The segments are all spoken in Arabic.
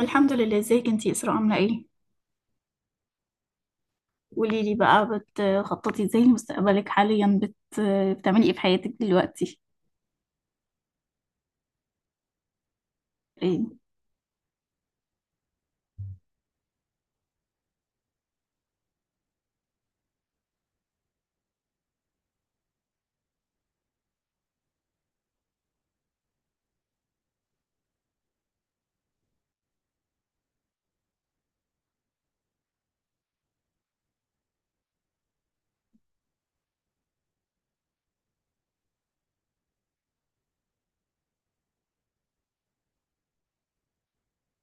الحمد لله. ازيك انتي اسراء، عامله ايه؟ قولي لي بقى، بتخططي ازاي لمستقبلك حاليا؟ بتعملي ايه في حياتك دلوقتي؟ ايه؟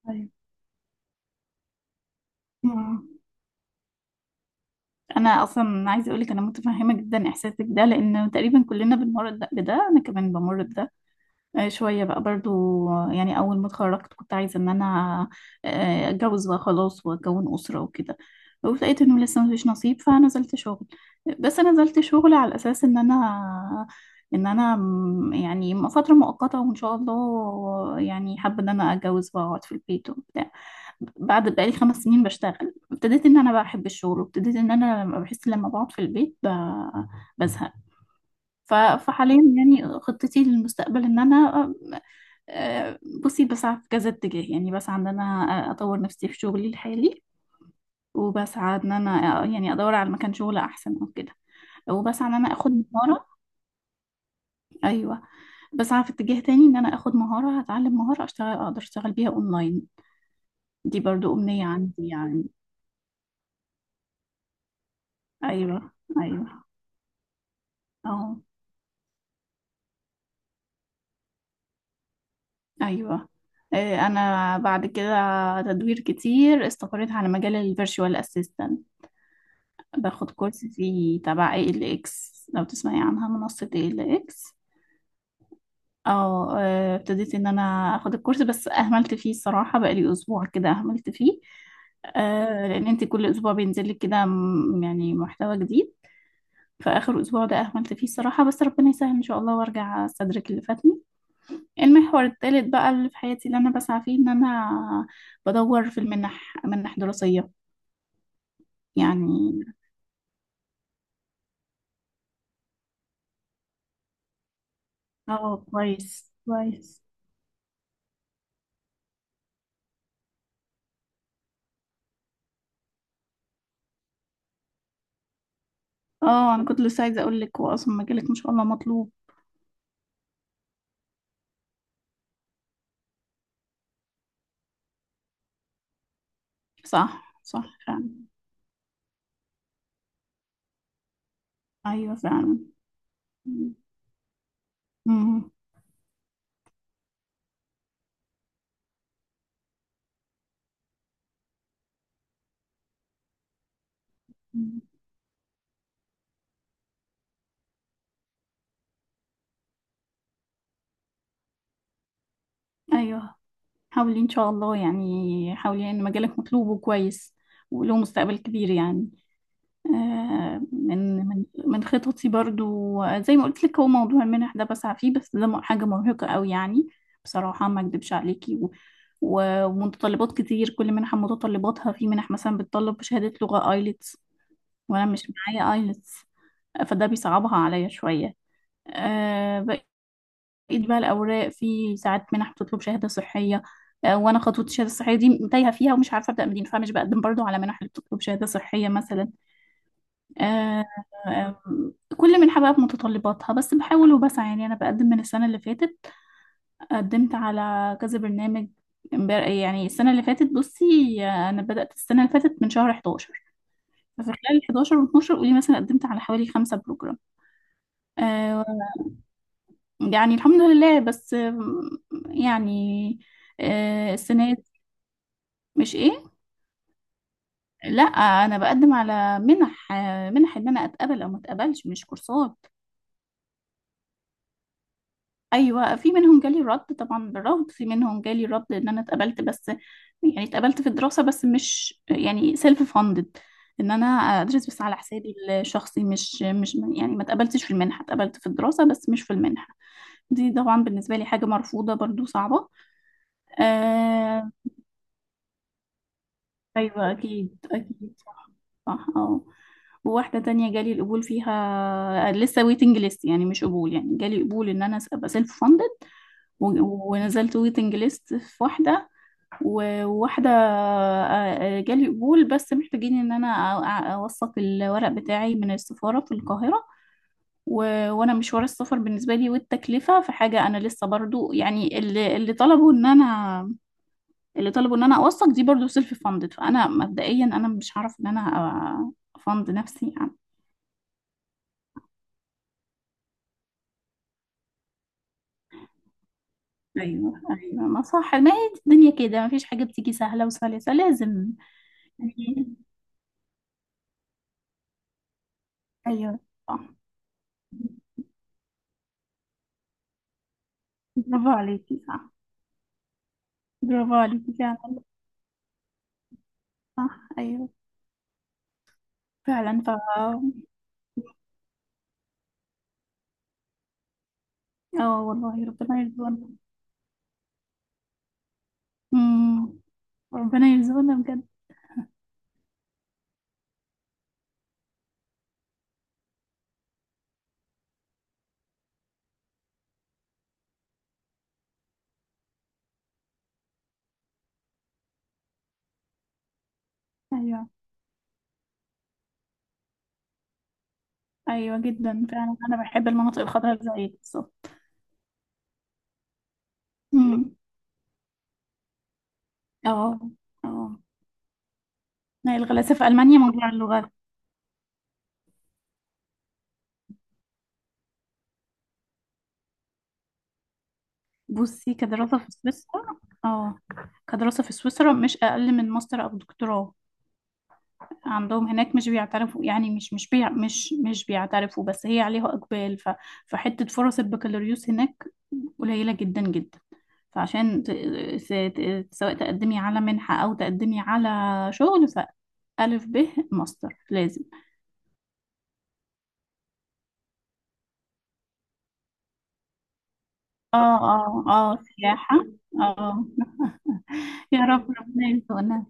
طيب. مم. انا اصلا عايزه اقولك انا متفهمه جدا احساسك ده، لان تقريبا كلنا بنمر بده، انا كمان بمر بده. شوية بقى برضو. يعني أول ما اتخرجت كنت عايزة إن أنا أتجوز بقى خلاص وأكون أسرة وكده. ولقيت إنه لسه مفيش نصيب فنزلت شغل. بس أنا نزلت شغل على أساس إن أنا، إن أنا فترة مؤقتة، وإن شاء الله يعني حابة إن أنا أتجوز بقى وأقعد في البيت وبتاع. بعد بقالي 5 سنين بشتغل ابتديت إن أنا بحب الشغل، وابتديت إن أنا لما بحس لما بقعد في البيت بزهق. فحاليا يعني خطتي للمستقبل ان انا آه، بصي بسعى في كذا اتجاه. يعني بسعى ان انا اطور نفسي في شغلي الحالي، وبسعى ان انا يعني ادور على مكان شغل احسن او كده، وبسعى ان انا اخد مهارة. ايوه، بسعى في اتجاه تاني ان انا اخد مهارة، هتعلم مهارة اشتغل اقدر اشتغل بيها اونلاين. دي برضو امنية عندي يعني. ايوه. ايوه. اه. ايوه. انا بعد كده تدوير كتير استقريت على مجال الفيرتشوال اسيستنت. باخد كورس فيه تبع اي ال اكس، لو تسمعي عنها، منصة اي ال اكس. اه. ابتديت ان انا اخد الكورس بس اهملت فيه الصراحة، بقالي اسبوع كده اهملت فيه. آه، لان انت كل اسبوع بينزل لك كده يعني محتوى جديد. فاخر اسبوع ده اهملت فيه الصراحة، بس ربنا يسهل ان شاء الله وارجع استدرك اللي فاتني. المحور الثالث بقى اللي في حياتي اللي انا بسعى فيه ان انا بدور في المنح، منح دراسية. يعني اه. كويس كويس. اه، انا كنت لسه عايزه اقول لك هو اصلا مجالك ما شاء الله مطلوب. صح صح فعلا. ايوه فعلا. امم. ايوه حاولي ان شاء الله، يعني حاولي، ان مجالك مطلوب وكويس وله مستقبل كبير يعني. من خططي برضو، زي ما قلت لك، هو موضوع المنح ده بسعى فيه، بس ده حاجه مرهقه قوي يعني. بصراحه ما اكدبش عليكي ومتطلبات كتير، كل منحه متطلباتها. في منح مثلا بتطلب شهاده لغه ايلتس، وانا مش معايا ايلتس، فده بيصعبها عليا شوية. بقيت بقى الأوراق، في ساعات منح بتطلب شهادة صحية، وأنا خطوة الشهادة الصحية دي تايهة فيها ومش عارفة أبدأ منين، فمش بقدم برضو على منح اللي بتطلب شهادة صحية مثلا. آه، آه، كل منحة بقى بمتطلباتها، بس بحاول وبسعى. يعني أنا بقدم من السنة اللي فاتت، قدمت على كذا برنامج. يعني السنة اللي فاتت بصي، أنا بدأت السنة اللي فاتت من شهر 11. ففي خلال 11 و 12 قولي مثلا قدمت على حوالي 5 بروجرام. آه، يعني الحمد لله، بس يعني آه، السنة دي- مش ايه؟ لا انا بقدم على منح، منح ان انا اتقبل او ما اتقبلش، مش كورسات. ايوه، في منهم جالي رد طبعا بالرفض، في منهم جالي رد ان انا اتقبلت بس يعني اتقبلت في الدراسة، بس مش يعني سيلف فاندد، ان انا ادرس بس على حسابي الشخصي. مش يعني ما اتقبلتش في المنحة، اتقبلت في الدراسة بس مش في المنحة. دي طبعا بالنسبة لي حاجة مرفوضة، برضو صعبة. آه، أيوة أكيد أكيد. صح صح اه. وواحدة تانية جالي القبول فيها لسه ويتنج ليست، يعني مش قبول، يعني جالي قبول إن أنا أبقى سيلف فاندد ونزلت ويتنج ليست في واحدة. وواحدة جالي قبول بس محتاجين إن أنا أوثق الورق بتاعي من السفارة في القاهرة. وأنا مشوار السفر بالنسبة لي والتكلفة فحاجة، أنا لسه برضو يعني اللي طلبوا إن أنا، اللي طلبوا ان انا اوثق دي برضو سيلف فاندد، فانا مبدئيا انا مش هعرف ان انا أ- افند نفسي يعني. ايوه ايوه ما صح، ما هي الدنيا كده، ما فيش حاجه بتيجي سهله وسلسه، لازم. ايوه صح. برافو عليكي صح. برافو عليكي فعلا. صح ايوه فعلا، ف. اه والله ربنا يرزقنا. امم. ربنا يرزقنا بجد. ايوه، ايوه جدا فعلا، انا بحب المناطق الخضراء زيك بالظبط. امم. اه اه، هي الغلاسه في المانيا موضوع اللغه. بصي كدراسة في سويسرا. اه، كدراسة في سويسرا مش أقل من ماستر أو دكتوراه عندهم هناك. مش بيعترفوا، يعني مش بيعترفوا، بس هي عليها إقبال. ف فحتة فرص البكالوريوس هناك قليلة جدا جدا. فعشان ت... س- ت- سواء تقدمي على منحة أو تقدمي على شغل، ف ألف ب ماستر لازم. اه اه اه، سياحة. اه يا رب ربنا يرزقنا.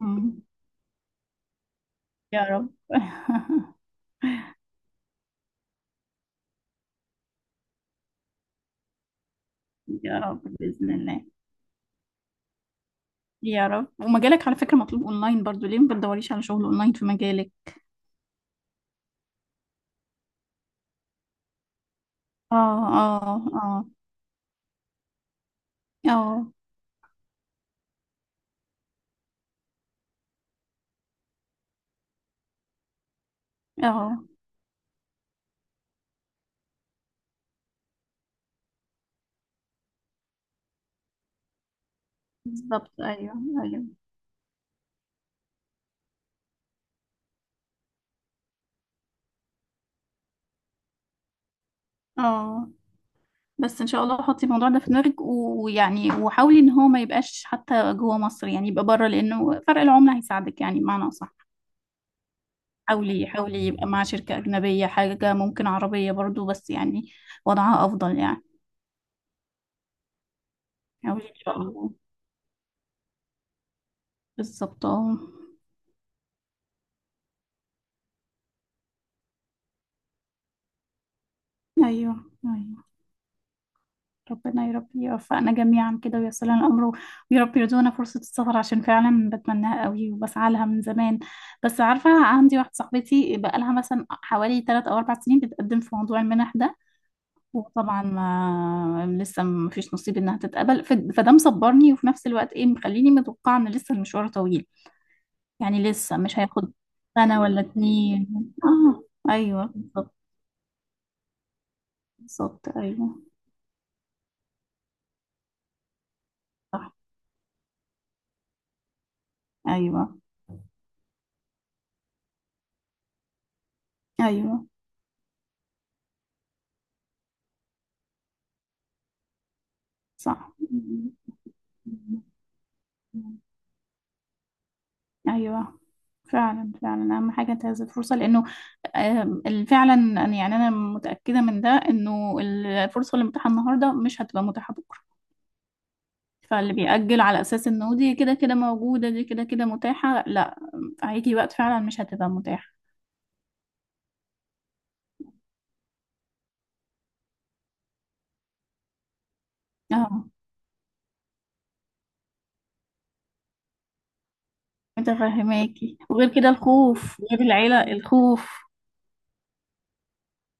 مم. يا رب يا رب بإذن الله. يا رب. ومجالك على فكرة مطلوب أونلاين برضو، ليه ما بتدوريش على شغل أونلاين في مجالك؟ اه. اه. اه. اه. اه. بالظبط أيوه أيوه. اه. بس إن شاء الله حطي الموضوع ده في دماغك، ويعني وحاولي إن هو ما يبقاش حتى جوه مصر، يعني يبقى بره، لأنه فرق العملة هيساعدك، يعني بمعنى أصح حاولي. حاولي يبقى مع شركة أجنبية، حاجة ممكن عربية برضو بس يعني وضعها أفضل يعني. حاولي إن شاء الله. بالظبط اه. أيوه أيوه. ربنا يا رب يوفقنا جميعا كده وييسر لنا الامر، ويا رب يرزقنا فرصه السفر عشان فعلا بتمناها قوي وبسعى لها من زمان. بس عارفه، عندي واحده صاحبتي بقى لها مثلا حوالي 3 او 4 سنين بتقدم في موضوع المنح ده، وطبعا ما لسه ما فيش نصيب انها تتقبل. فده مصبرني، وفي نفس الوقت ايه مخليني متوقعه ان لسه المشوار طويل، يعني لسه مش هياخد سنه ولا اتنين اه. ايوه بالظبط. بالظبط ايوه. صح ايوه. ايوه صح. ايوه فعلا فعلا، اهم حاجه انتهاز الفرصه لانه فعلا يعني انا متاكده من ده، انه الفرصه اللي متاحه النهارده مش هتبقى متاحه بكره. فاللي بيأجل على اساس انه دي كده كده موجوده، دي كده كده متاحه، لا، هيجي وقت فعلا مش هتبقى متاحه. اه متفهماكي، وغير كده الخوف، غير العيله الخوف.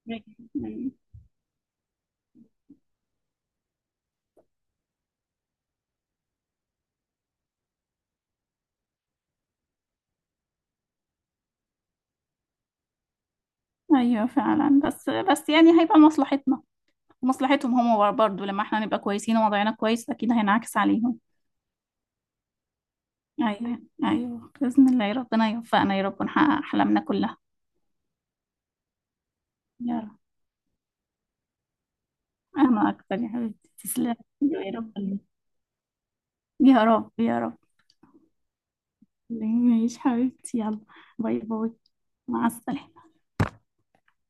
ايوه ايوه فعلا، بس بس يعني هيبقى لمصلحتنا ومصلحتهم هم برضه، لما احنا نبقى كويسين ووضعنا كويس اكيد هينعكس عليهم. أيوه أيوه بإذن الله، يا ربنا يوفقنا يا رب ونحقق أحلامنا كلها. يا رب. أنا أكتر يا حبيبتي، تسلم. يا رب يا رب يا رب. ماشي حبيبتي، يلا باي باي. مع السلامة.